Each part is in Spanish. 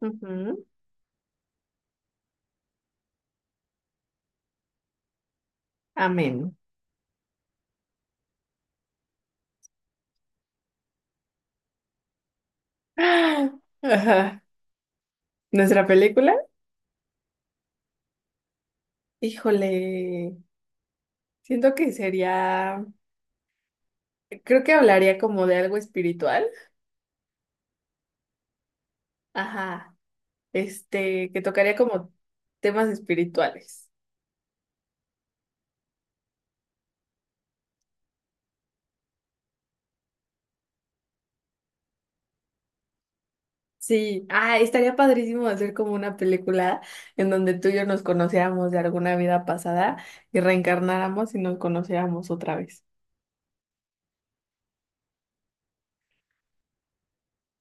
Ujú. Amén. Ah, ajá. ¿Nuestra película? Híjole, siento que sería, creo que hablaría como de algo espiritual. Ajá, que tocaría como temas espirituales. Sí, ah, estaría padrísimo hacer como una película en donde tú y yo nos conociéramos de alguna vida pasada y reencarnáramos y nos conociéramos otra vez.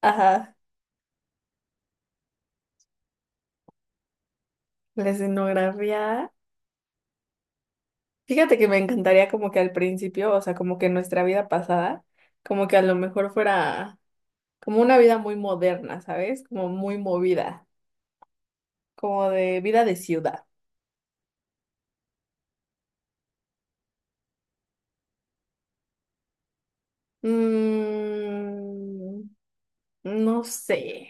Ajá, la escenografía. Fíjate que me encantaría como que al principio, o sea, como que nuestra vida pasada, como que a lo mejor fuera como una vida muy moderna, ¿sabes? Como muy movida, como de vida de ciudad. Mm, no sé.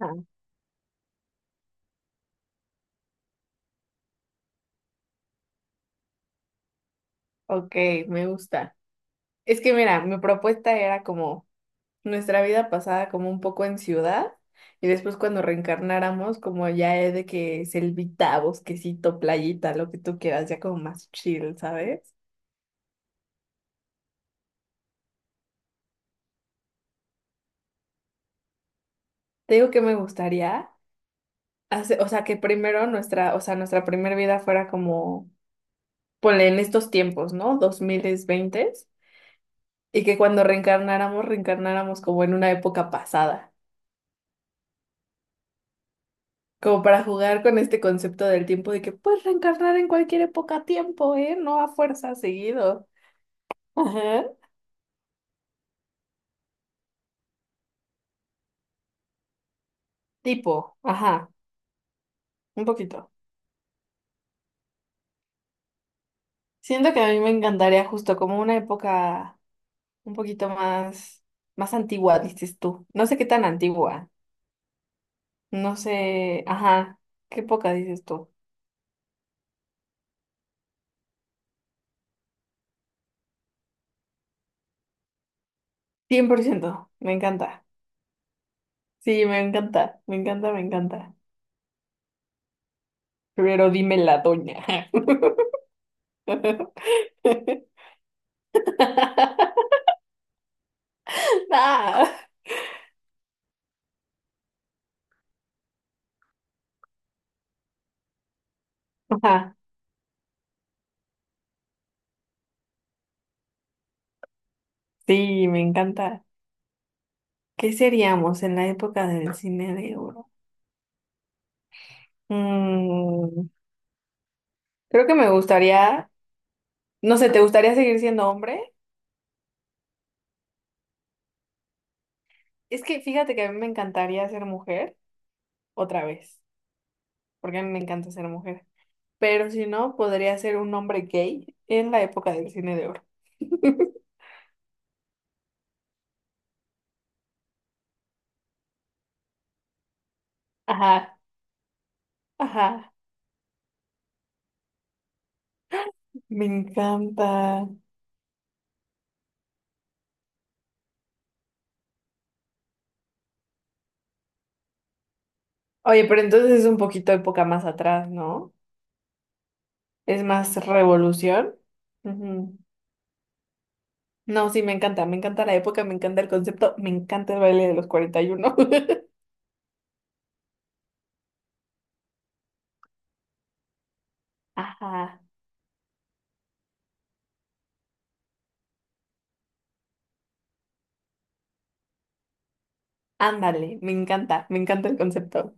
Ah, ok, me gusta. Es que mira, mi propuesta era como nuestra vida pasada como un poco en ciudad y después cuando reencarnáramos como ya es de que selvita, bosquecito, playita, lo que tú quieras, ya como más chill, ¿sabes? Te digo que me gustaría hacer, o sea, que primero nuestra, o sea, nuestra primera vida fuera como, ponle en estos tiempos, ¿no? 2020. Y que cuando reencarnáramos, reencarnáramos como en una época pasada, como para jugar con este concepto del tiempo de que puedes reencarnar en cualquier época tiempo, ¿eh? No a fuerza seguido. Ajá. Tipo, ajá, un poquito. Siento que a mí me encantaría justo como una época un poquito más, más antigua, dices tú. No sé qué tan antigua. No sé, ajá, qué poca dices tú. Cien por ciento me encanta. Sí, me encanta, me encanta, me encanta. Pero dime la doña. Ah, ajá, sí, me encanta. ¿Qué seríamos en la época del cine de oro? Mm, creo que me gustaría, no sé, ¿te gustaría seguir siendo hombre? Es que fíjate que a mí me encantaría ser mujer otra vez, porque a mí me encanta ser mujer. Pero si no, podría ser un hombre gay en la época del cine de oro. Ajá, ajá, me encanta. Oye, pero entonces es un poquito época más atrás, ¿no? Es más revolución. Ujú. No, sí, me encanta la época, me encanta el concepto, me encanta el baile de los 41. Ajá, ándale, me encanta el concepto.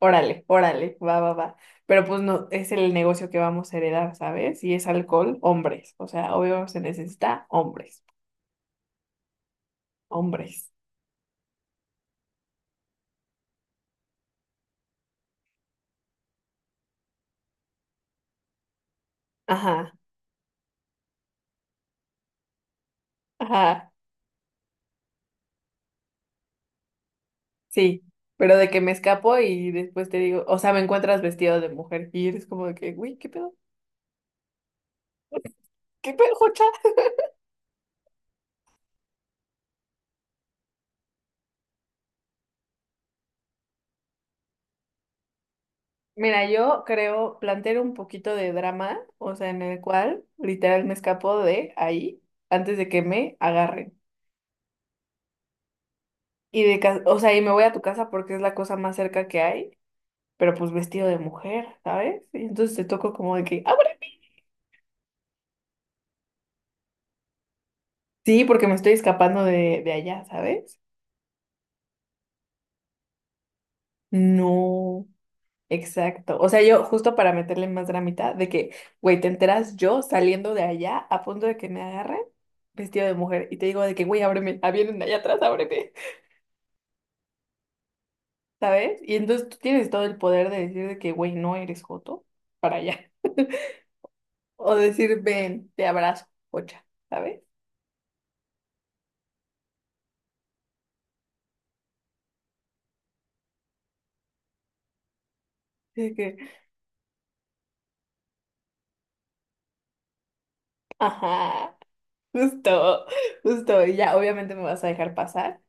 Órale, órale, va, va, va. Pero pues no, es el negocio que vamos a heredar, ¿sabes? Si es alcohol, hombres. O sea, obvio se necesita hombres. Hombres. Ajá, ajá, sí. Pero de que me escapo y después te digo, o sea, me encuentras vestido de mujer y eres como de que, uy, ¿qué pedo? ¿Qué pedo, Jocha? Mira, yo creo plantear un poquito de drama, o sea, en el cual literal me escapo de ahí antes de que me agarren. Y de ca- o sea, y me voy a tu casa porque es la cosa más cerca que hay, pero pues vestido de mujer, ¿sabes? Y entonces te toco como de que, "Ábreme". Sí, porque me estoy escapando de allá, ¿sabes? No. Exacto. O sea, yo justo para meterle más dramita de que, güey, te enteras yo saliendo de allá a punto de que me agarren vestido de mujer y te digo de que, güey, ábreme, ah, vienen allá atrás, ábreme, ¿sabes? Y entonces tú tienes todo el poder de decir de que, güey, no eres joto para allá. O decir, ven, te abrazo, pocha, ¿sabes? Y de que, ajá, justo, justo. Y ya, obviamente me vas a dejar pasar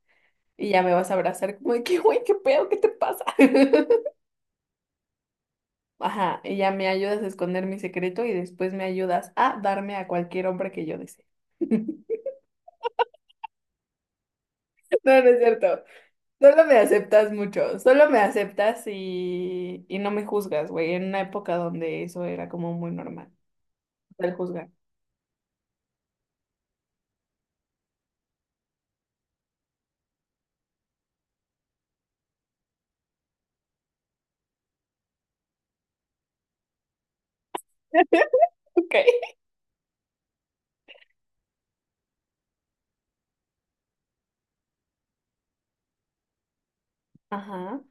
y ya me vas a abrazar como de que, güey, ¿qué pedo? ¿Qué te pasa? Ajá, y ya me ayudas a esconder mi secreto y después me ayudas a darme a cualquier hombre que yo desee. No, no es cierto. Solo me aceptas mucho. Solo me aceptas y no me juzgas, güey. En una época donde eso era como muy normal, el juzgar. Ok. Ajá.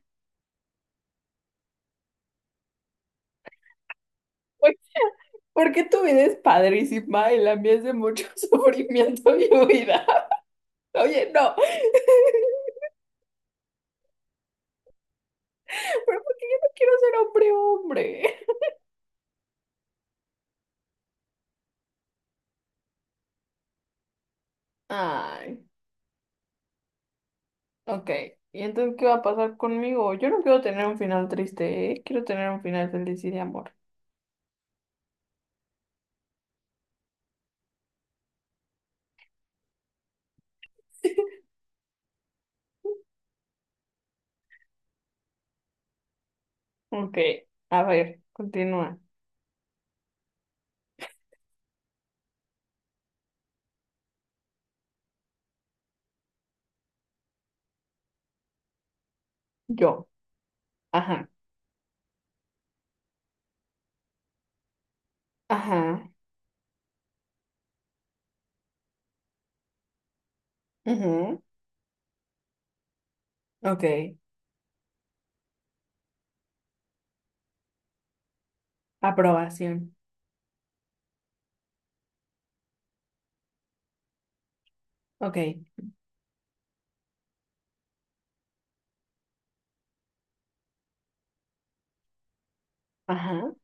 Pues, ¿por qué tu vida es padrísima y la mía es de mucho sufrimiento y huida? Oye, no. Pero porque yo no quiero ser hombre, hombre. Ay. Ok, ¿y entonces qué va a pasar conmigo? Yo no quiero tener un final triste, ¿eh? Quiero tener un final feliz y de amor. Ok, a ver, continúa. Yo. Ajá. Ajá. Ujú, ok. Aprobación. Ok. Ajá.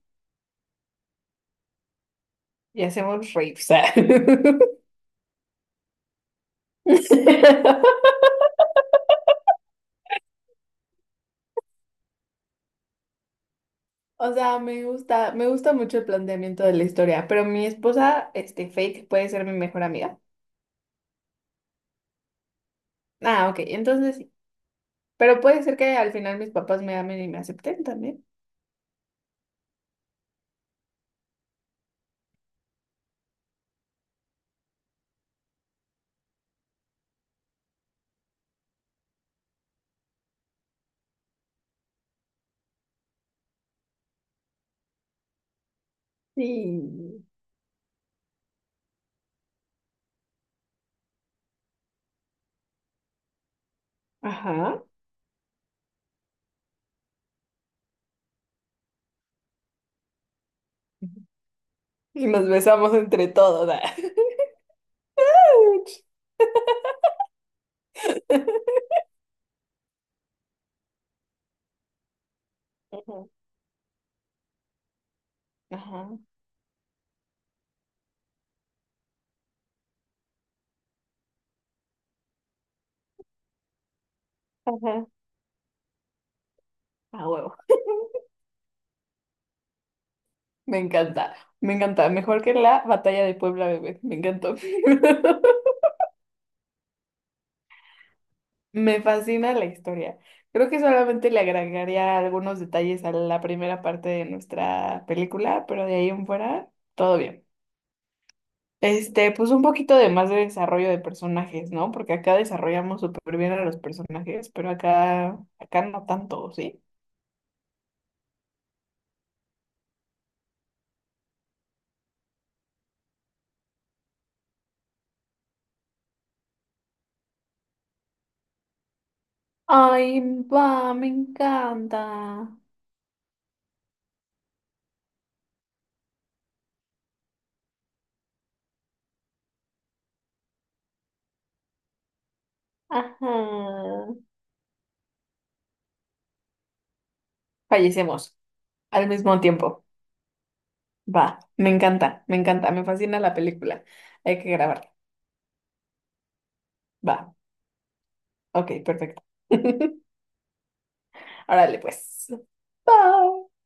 Y hacemos raves. O sea, me gusta mucho el planteamiento de la historia, pero mi esposa, Faith, puede ser mi mejor amiga. Ah, ok, entonces sí. Pero puede ser que al final mis papás me amen y me acepten también. Sí. Ajá. Y nos besamos entre todos. Ah. Ujú. Ajá. Ajá. A huevo. Me encanta. Me encanta. Mejor que la batalla de Puebla, bebé. Me encantó. Me fascina la historia. Creo que solamente le agregaría algunos detalles a la primera parte de nuestra película, pero de ahí en fuera, todo bien. Pues un poquito de más de desarrollo de personajes, ¿no? Porque acá desarrollamos súper bien a los personajes, pero acá, acá no tanto, ¿sí? Ay, va, me encanta. Ajá. Fallecemos al mismo tiempo. Va, me encanta, me encanta, me fascina la película. Hay que grabarla. Va, ok, perfecto. Órale, pues. Bye.